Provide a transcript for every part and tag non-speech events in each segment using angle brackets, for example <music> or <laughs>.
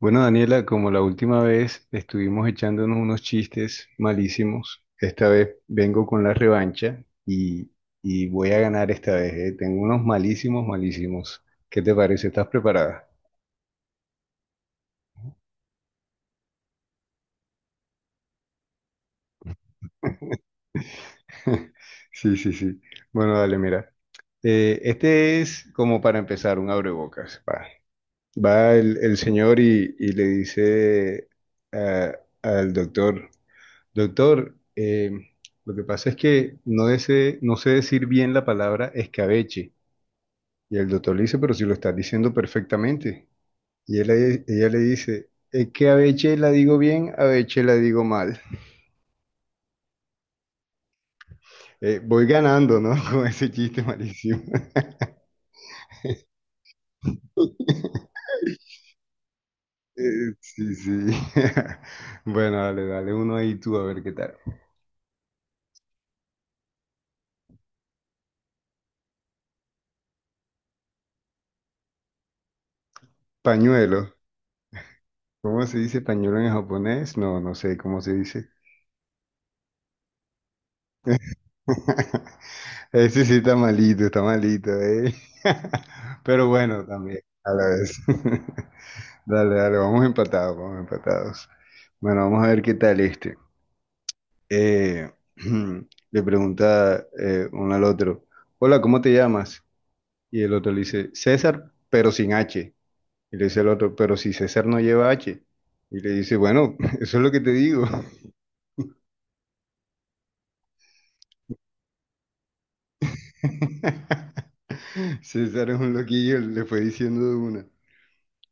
Bueno, Daniela, como la última vez estuvimos echándonos unos chistes malísimos, esta vez vengo con la revancha y voy a ganar esta vez, ¿eh? Tengo unos malísimos, malísimos. ¿Qué te parece? ¿Estás preparada? <laughs> Sí, sí, sí. Bueno, dale, mira. Este es como para empezar, un abrebocas. Va el señor y le dice a- al doctor. Doctor, lo que pasa es que no, no sé decir bien la palabra escabeche. Y el doctor le dice, pero si lo estás diciendo perfectamente. Ella le dice, es que abeche la digo bien, abeche la digo mal. Voy ganando, ¿no? <laughs> Con ese chiste malísimo. <laughs> Sí, sí. <laughs> Bueno, dale, dale uno ahí tú a ver qué tal. Pañuelo. ¿Cómo se dice pañuelo en japonés? No, no sé cómo se dice. <laughs> Ese sí está malito, ¿eh? <laughs> Pero bueno, también, a la vez. <laughs> Dale, dale, vamos empatados, vamos empatados. Bueno, vamos a ver qué tal este. Eh, <clears throat> le pregunta uno al otro, hola, ¿cómo te llamas? Y el otro le dice, César, pero sin H. Y le dice el otro, pero si César no lleva H. Y le dice, bueno, <laughs> eso es lo que te digo. <laughs> César es un loquillo, le fue diciendo de una.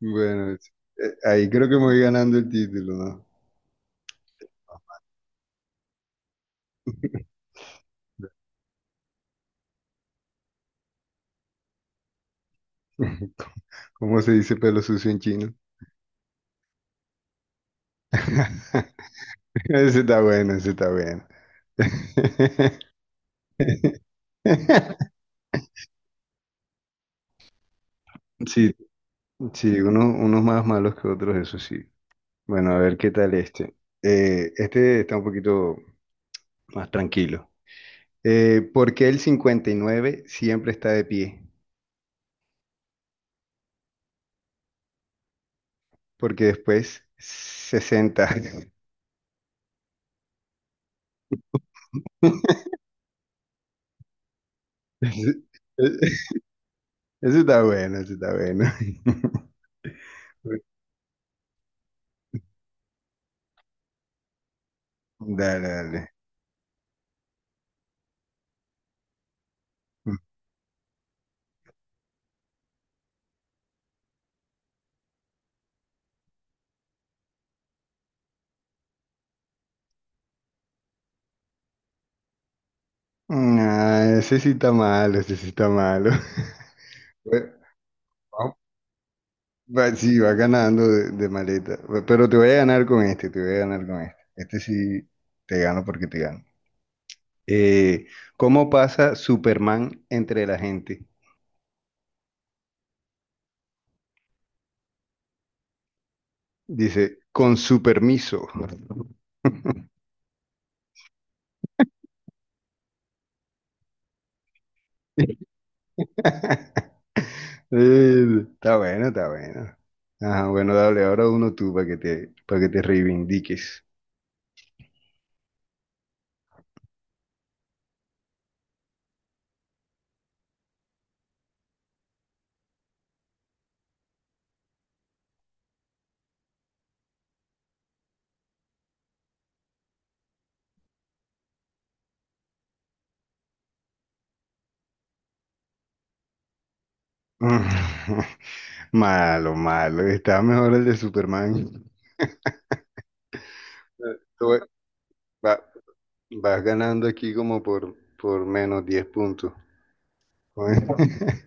Bueno, ahí creo que me voy ganando el título, ¿no? <laughs> ¿Cómo se dice pelo sucio en chino? <laughs> Ese está bueno, ese está bueno. <laughs> Sí, sí, unos, unos más malos que otros, eso sí. Bueno, a ver qué tal este. Este está un poquito más tranquilo. ¿Por qué el 59 siempre está de pie? Porque después 60. <laughs> Ese ese está bueno, ese está bueno. <laughs> Dale, dale. Mm. Ah, ese sí está malo, ese sí está malo. <laughs> Bueno, vamos- sí, va ganando de maleta. Pero te voy a ganar con este, te voy a ganar con este. Este sí te gano porque te gano. Eh, ¿Cómo pasa Superman entre la gente? Dice, con su permiso. <laughs> Está bueno, está bueno. Ajá, bueno, dale, ahora uno tú para que te reivindiques. Mm. <laughs> Malo, malo. Está mejor el de Superman. Tú ve- va- vas ganando aquí como por -10 puntos. Bueno, <laughs>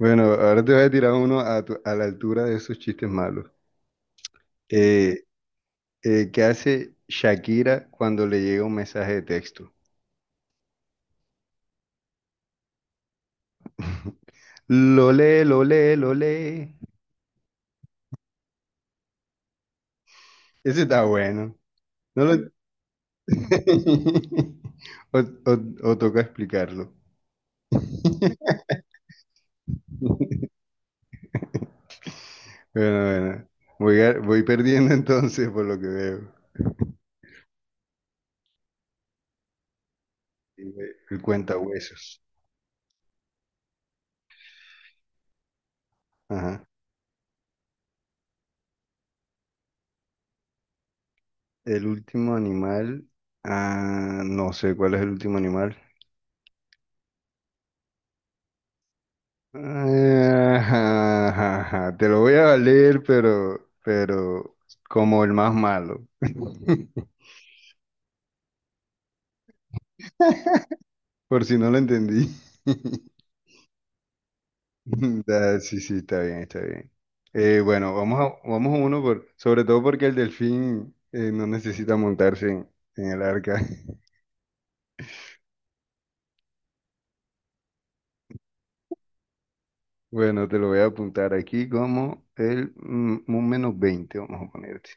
bueno, ahora te voy a tirar uno a, tu- a la altura de esos chistes malos. Eh, ¿Qué hace Shakira cuando le llega un mensaje de texto? <laughs> Lo lee, lo lee, lo lee. Ese está bueno. No lo... <laughs> o toca explicarlo. <laughs> Bueno, bueno. Voy perdiendo <laughs> entonces por lo que veo. El cuentahuesos. Ajá. El último animal. Ah, no sé cuál es el último animal. Ah, ajá, ajá, ajá. Te lo voy a valer, pero como el más malo. <laughs> Por si no lo entendí. <laughs> Sí, sí, está bien, está bien. Bueno, vamos a uno por, sobre todo porque el delfín no necesita montarse en el arca. <laughs> Bueno, te lo voy a apuntar aquí como el un -20, vamos a ponerte.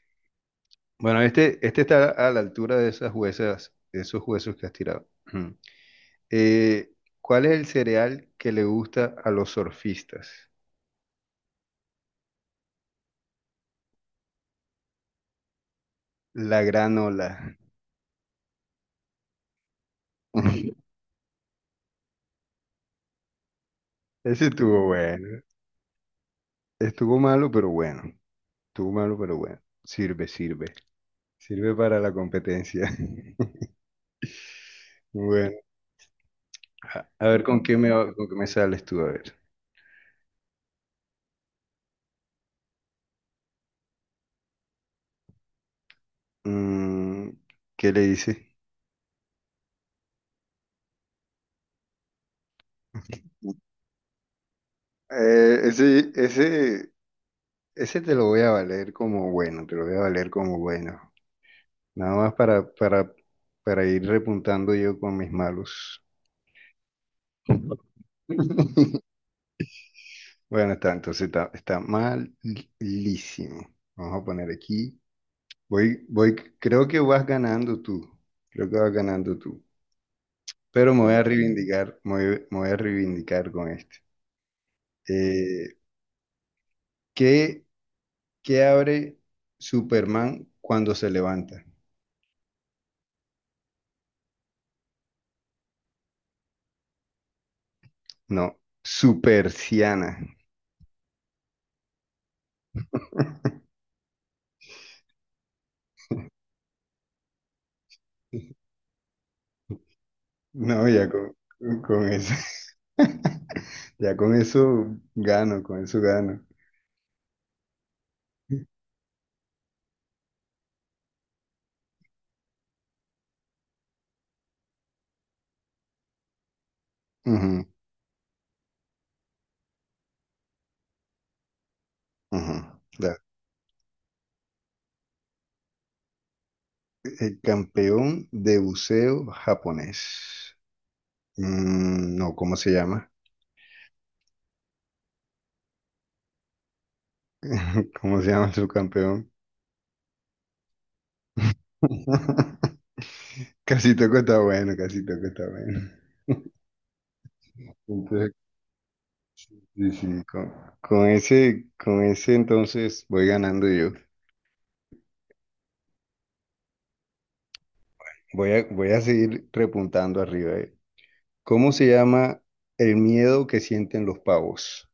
Bueno, este está a la altura de esas huesas, de esos huesos que has tirado. Ujú. Eh, ¿Cuál es el cereal que le gusta a los surfistas? La granola. <laughs> Ese estuvo bueno. Estuvo malo, pero bueno. Estuvo malo, pero bueno. Sirve, sirve. Sirve para la competencia. <laughs> Bueno, a ver con qué me sales tú, a ver. Mm, ¿qué le dices? Eh, ese, ese, ese te lo voy a valer como bueno, te lo voy a valer como bueno. Nada más para ir repuntando yo con mis malos. <laughs> Bueno, está, entonces está, está malísimo. Vamos a poner aquí. Voy, voy, creo que vas ganando tú. Creo que vas ganando tú. Pero me voy a reivindicar, me voy a reivindicar con este. Eh, ¿qué, qué abre Superman cuando se levanta? No, supersiana. <laughs> No, ya con eso. <laughs> Ya con eso gano, con eso gano. Ujú, ujú. Da- El campeón de buceo japonés. Mm, no, ¿cómo se llama? <laughs> ¿Cómo se llama su campeón? <laughs> Casi toco está bueno, casi toco está bueno. Entonces, sí, sí, con ese entonces voy ganando yo. Voy a seguir repuntando arriba. ¿Cómo se llama el miedo que sienten los pavos?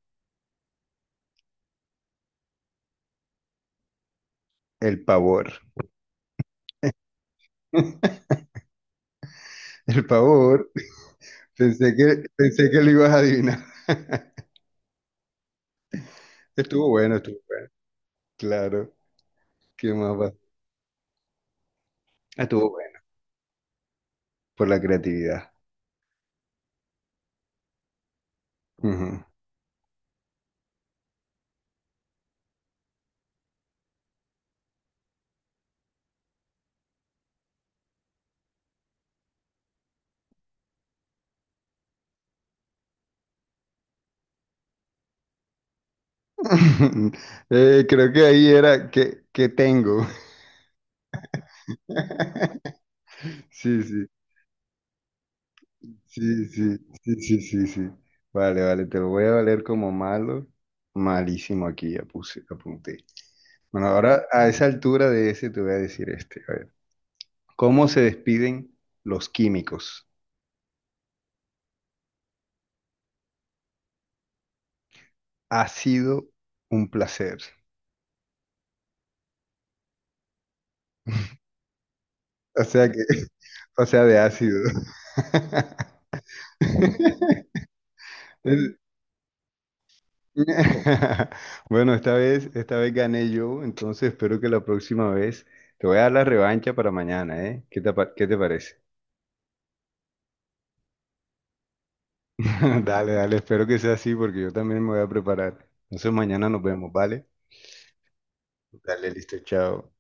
El pavor. <laughs> El pavor. Pensé que lo ibas a adivinar. <laughs> Estuvo bueno, estuvo bueno. Claro. ¿Qué más va? Estuvo bueno. Por la creatividad. Ujú. <laughs> Creo que ahí era que tengo. <laughs> Sí, sí, sí, sí, sí, sí, sí, sí. Vale, vale, te lo voy a valer como malo. Malísimo aquí, ya puse, apunté. Bueno, ahora a esa altura de ese te voy a decir este. A ver, ¿cómo se despiden los químicos? Ha sido un placer. O sea que, <laughs> o sea, de ácido. <laughs> Es- <laughs> Bueno, esta vez gané yo, entonces espero que la próxima vez te voy a dar la revancha para mañana, ¿eh? ¿Qué te parece? <laughs> Dale, dale, espero que sea así porque yo también me voy a preparar. Entonces mañana nos vemos, ¿vale? Dale, listo, chao.